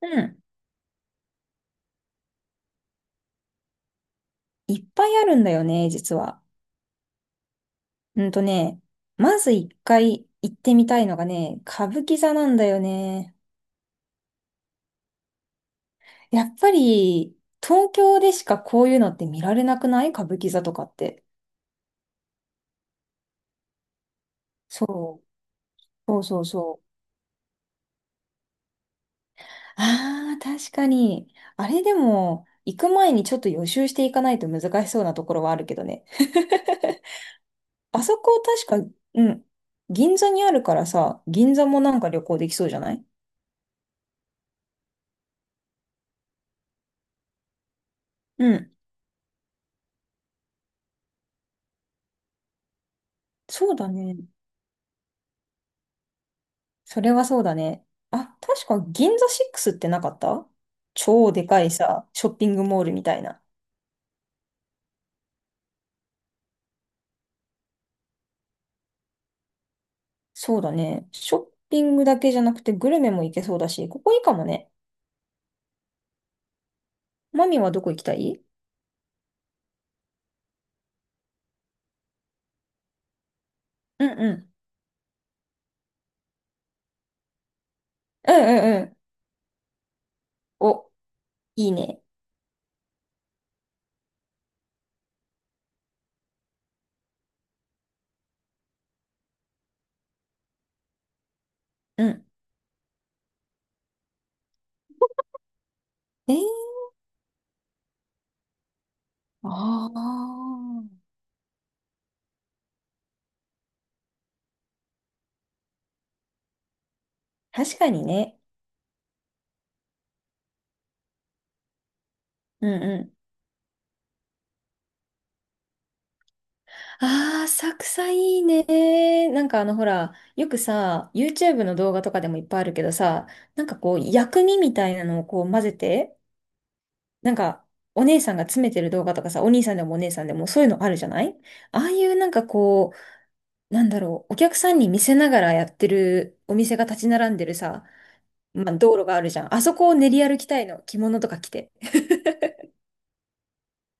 うん。いっぱいあるんだよね、実は。うんとね、まず一回行ってみたいのがね、歌舞伎座なんだよね。やっぱり、東京でしかこういうのって見られなくない？歌舞伎座とかって。そう。そうそうそう。ああ、確かに。あれでも、行く前にちょっと予習していかないと難しそうなところはあるけどね。あそこ確か、うん。銀座にあるからさ、銀座もなんか旅行できそうじゃない？うん。そうだね。それはそうだね。あ、確か銀座6ってなかった？超でかいさ、ショッピングモールみたいな。そうだね。ショッピングだけじゃなくてグルメも行けそうだし、ここいいかもね。マミはどこ行きたい？うんうん。うんうんうん。お、いいね。うん。えー、ああ。確かにね。うんうん。ああ、浅草いいね。なんかあのほら、よくさ、YouTube の動画とかでもいっぱいあるけどさ、なんかこう薬味みたいなのをこう混ぜて、なんか、お姉さんが詰めてる動画とかさ、お兄さんでもお姉さんでもそういうのあるじゃない？ああいうなんかこう、なんだろう、お客さんに見せながらやってるお店が立ち並んでるさ、まあ、道路があるじゃん。あそこを練り歩きたいの、着物とか着て。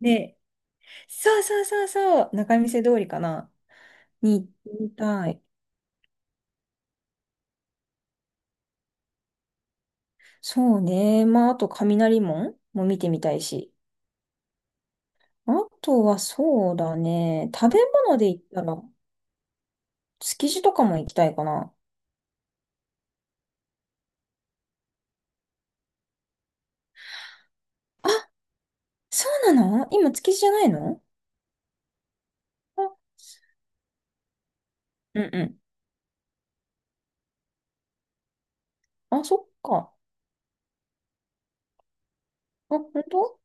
ねえ、そうそうそうそう、仲見世通りかな？に行ってみたい。そうね。まあ、あと雷門も見てみたいし。あとはそうだね。食べ物で言ったら、築地とかも行きたいかな。そうなの今、築地じゃないの？あ、うんうん。あ、そっか。あ、本当？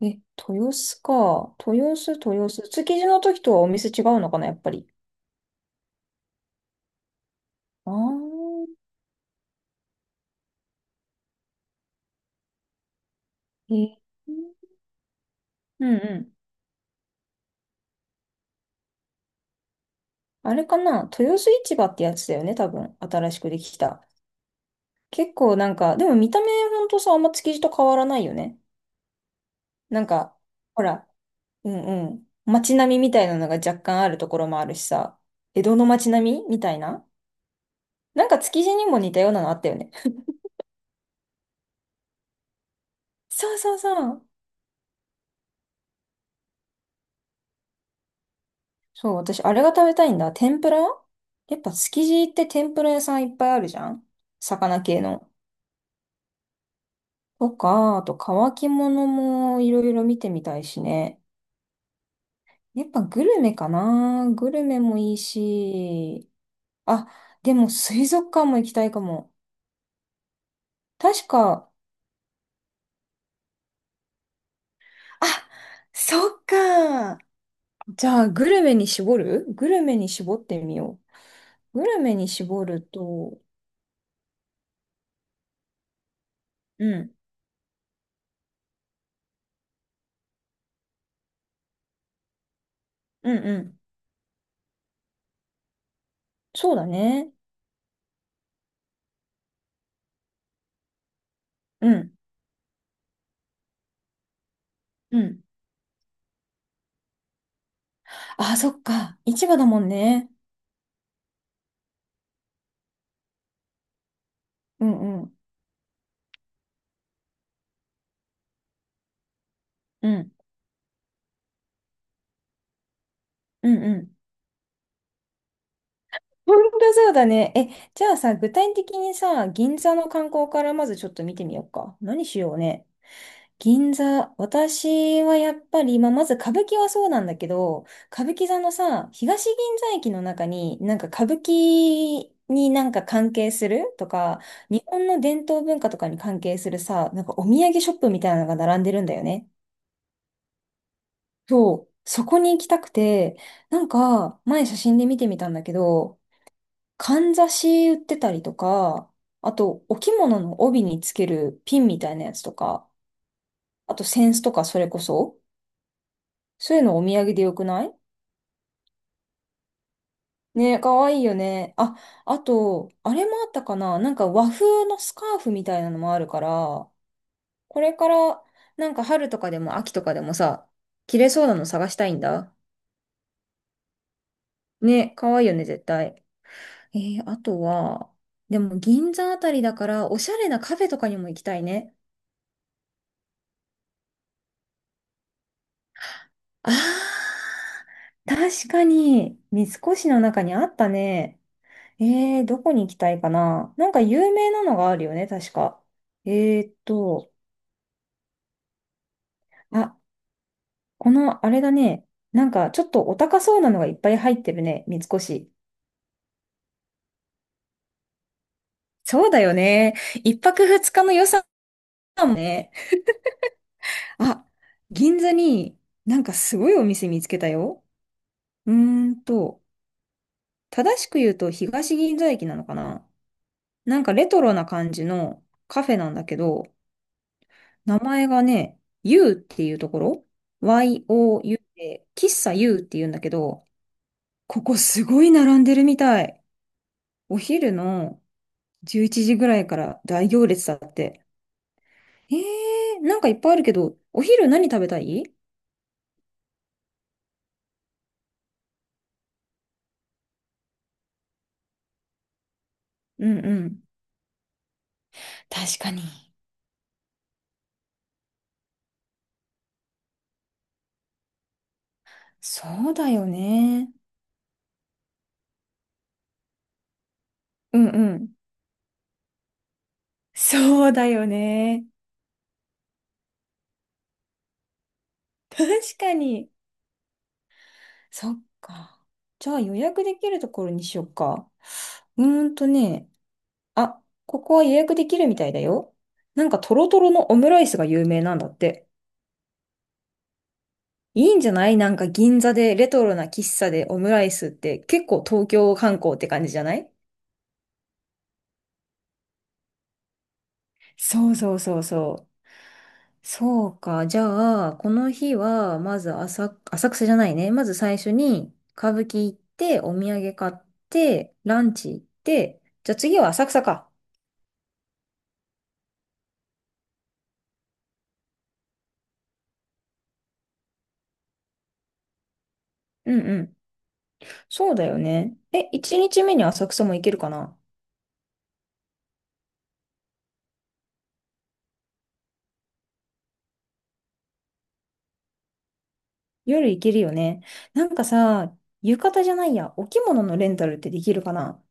え、豊洲か。豊洲、豊洲。築地の時とはお店違うのかな、やっぱり。ああ、え、うんうん。あれかな、豊洲市場ってやつだよね、多分。新しくできた。結構なんか、でも見た目ほんとさ、あんま築地と変わらないよね。なんか、ほら、うんうん。街並みみたいなのが若干あるところもあるしさ、江戸の街並みみたいな。なんか築地にも似たようなのあったよね。そうそうそう。そう、私、あれが食べたいんだ。天ぷら。やっぱ築地って天ぷら屋さんいっぱいあるじゃん？魚系の。とか、あと乾き物もいろいろ見てみたいしね。やっぱグルメかな？グルメもいいし。あ、でも水族館も行きたいかも。確か、あ、そっか。じゃあ、グルメに絞る？グルメに絞ってみよう。グルメに絞ると、うん、うんうん。そうだね。うん、うん。あ、そっか。市場だもんね。うんうん。うん。うんうん。本当そうだね。え、じゃあさ、具体的にさ、銀座の観光からまずちょっと見てみようか。何しようね。銀座、私はやっぱり、まあ、まず歌舞伎はそうなんだけど、歌舞伎座のさ、東銀座駅の中に、なんか歌舞伎になんか関係するとか、日本の伝統文化とかに関係するさ、なんかお土産ショップみたいなのが並んでるんだよね。そう、そこに行きたくて、なんか、前写真で見てみたんだけど、かんざし売ってたりとか、あと、お着物の帯につけるピンみたいなやつとか、あと、扇子とかそれこそ、そういうのお土産でよくない？ね、かわいいよね。あ、あと、あれもあったかな？なんか和風のスカーフみたいなのもあるから、これから、なんか春とかでも秋とかでもさ、着れそうなの探したいんだ。ね、かわいいよね、絶対。あとは、でも銀座あたりだから、おしゃれなカフェとかにも行きたいね。あー、確かに、三越の中にあったね。どこに行きたいかな。なんか有名なのがあるよね、確か。えーっと、あ、このあれだね。なんかちょっとお高そうなのがいっぱい入ってるね、三越。そうだよね。一泊二日の予算もね。あ、銀座になんかすごいお店見つけたよ。うーんと、正しく言うと東銀座駅なのかな？なんかレトロな感じのカフェなんだけど、名前がね、U っていうところ ?YOU で、喫茶 U っていうんだけど、ここすごい並んでるみたい。お昼の11時ぐらいから大行列だって。えなんかいっぱいあるけど、お昼何食べたい？うんうん。確かに。そうだよね。うんうん。そうだよね。確かに。そっか。じゃあ予約できるところにしようか。うーんとね、あ、ここは予約できるみたいだよ。なんかトロトロのオムライスが有名なんだって。いいんじゃない？なんか銀座でレトロな喫茶でオムライスって結構東京観光って感じじゃない？そうそうそうそう。そうか。じゃあ、この日は、まず浅草じゃないね。まず最初に歌舞伎行って、お土産買って、ランチ行って、じゃあ次は浅草か。うんうん。そうだよね。え、一日目に浅草も行けるかな？夜行けるよね。なんかさ、浴衣じゃないや、お着物のレンタルってできるかな？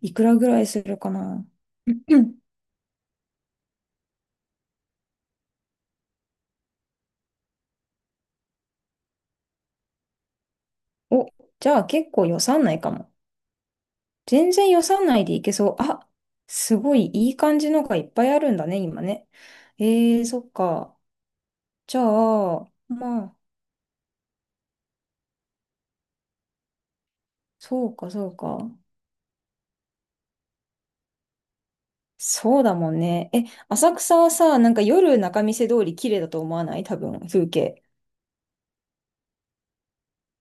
いくらぐらいするかな？うん、お、じゃあ結構予算内かも。全然予算内で行けそう。あ、すごいいい感じのがいっぱいあるんだね、今ね。そっか。じゃあ、まあ、そうか、そうか。そうだもんね。え、浅草はさ、なんか夜仲見世通り綺麗だと思わない？多分、風景。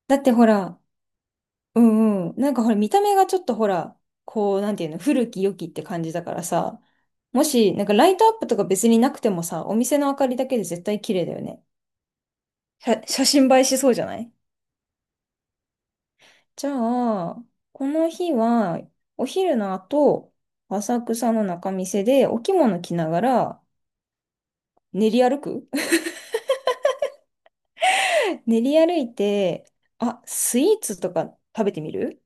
だってほら、うんうん。なんかほら、見た目がちょっとほら、こう、なんていうの、古き良きって感じだからさ、もし、なんかライトアップとか別になくてもさ、お店の明かりだけで絶対綺麗だよね。写真映えしそうじゃない？じゃあ、この日は、お昼の後、浅草の仲見世でお着物着ながら練り歩く。 練り歩いて、あ、スイーツとか食べてみる？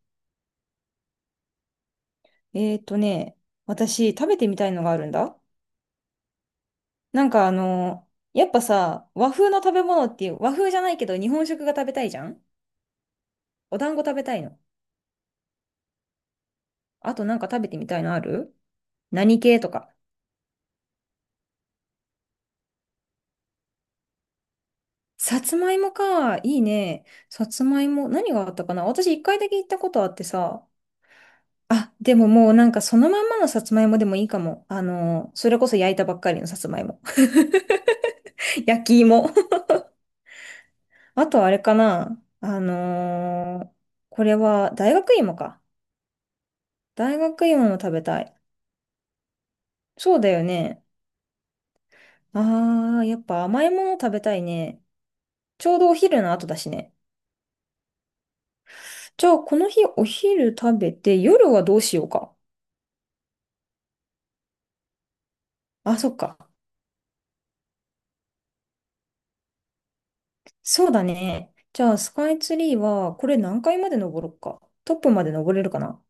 えーとね、私食べてみたいのがあるんだ。なんかあの、やっぱさ、和風の食べ物っていう、和風じゃないけど日本食が食べたいじゃん？お団子食べたいの。あとなんか食べてみたいのある？何系とか。さつまいもか。いいね。さつまいも。何があったかな？私一回だけ行ったことあってさ。あ、でももうなんかそのまんまのさつまいもでもいいかも。あの、それこそ焼いたばっかりのさつまいも。焼き芋。あとあれかな。あのーこれは大学芋か。大学芋も食べたい。そうだよね。ああ、やっぱ甘いもの食べたいね。ちょうどお昼の後だしね。じゃあ、この日お昼食べて、夜はどうしようか。あ、そっか。そうだね。じゃあ、スカイツリーは、これ何階まで登ろっか。トップまで登れるかな。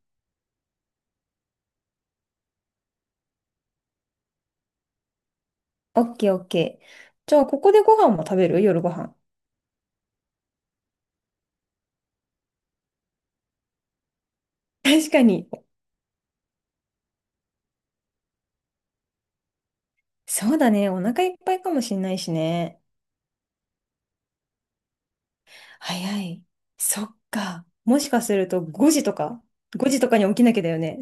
オッケーオッケー。じゃあ、ここでご飯も食べる？夜ご飯。確かに。そうだね。お腹いっぱいかもしんないしね。早い。そっか。もしかすると5時とか ?5 時とかに起きなきゃだよね。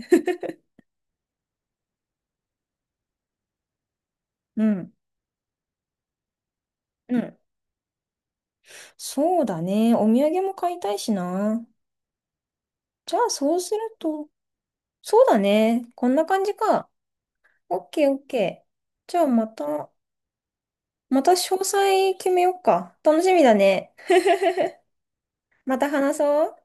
うん。うんそうだね。お土産も買いたいしな。じゃあ、そうすると。そうだね。こんな感じか。オッケーオッケー。じゃあ、また詳細決めようか。楽しみだね。また話そう。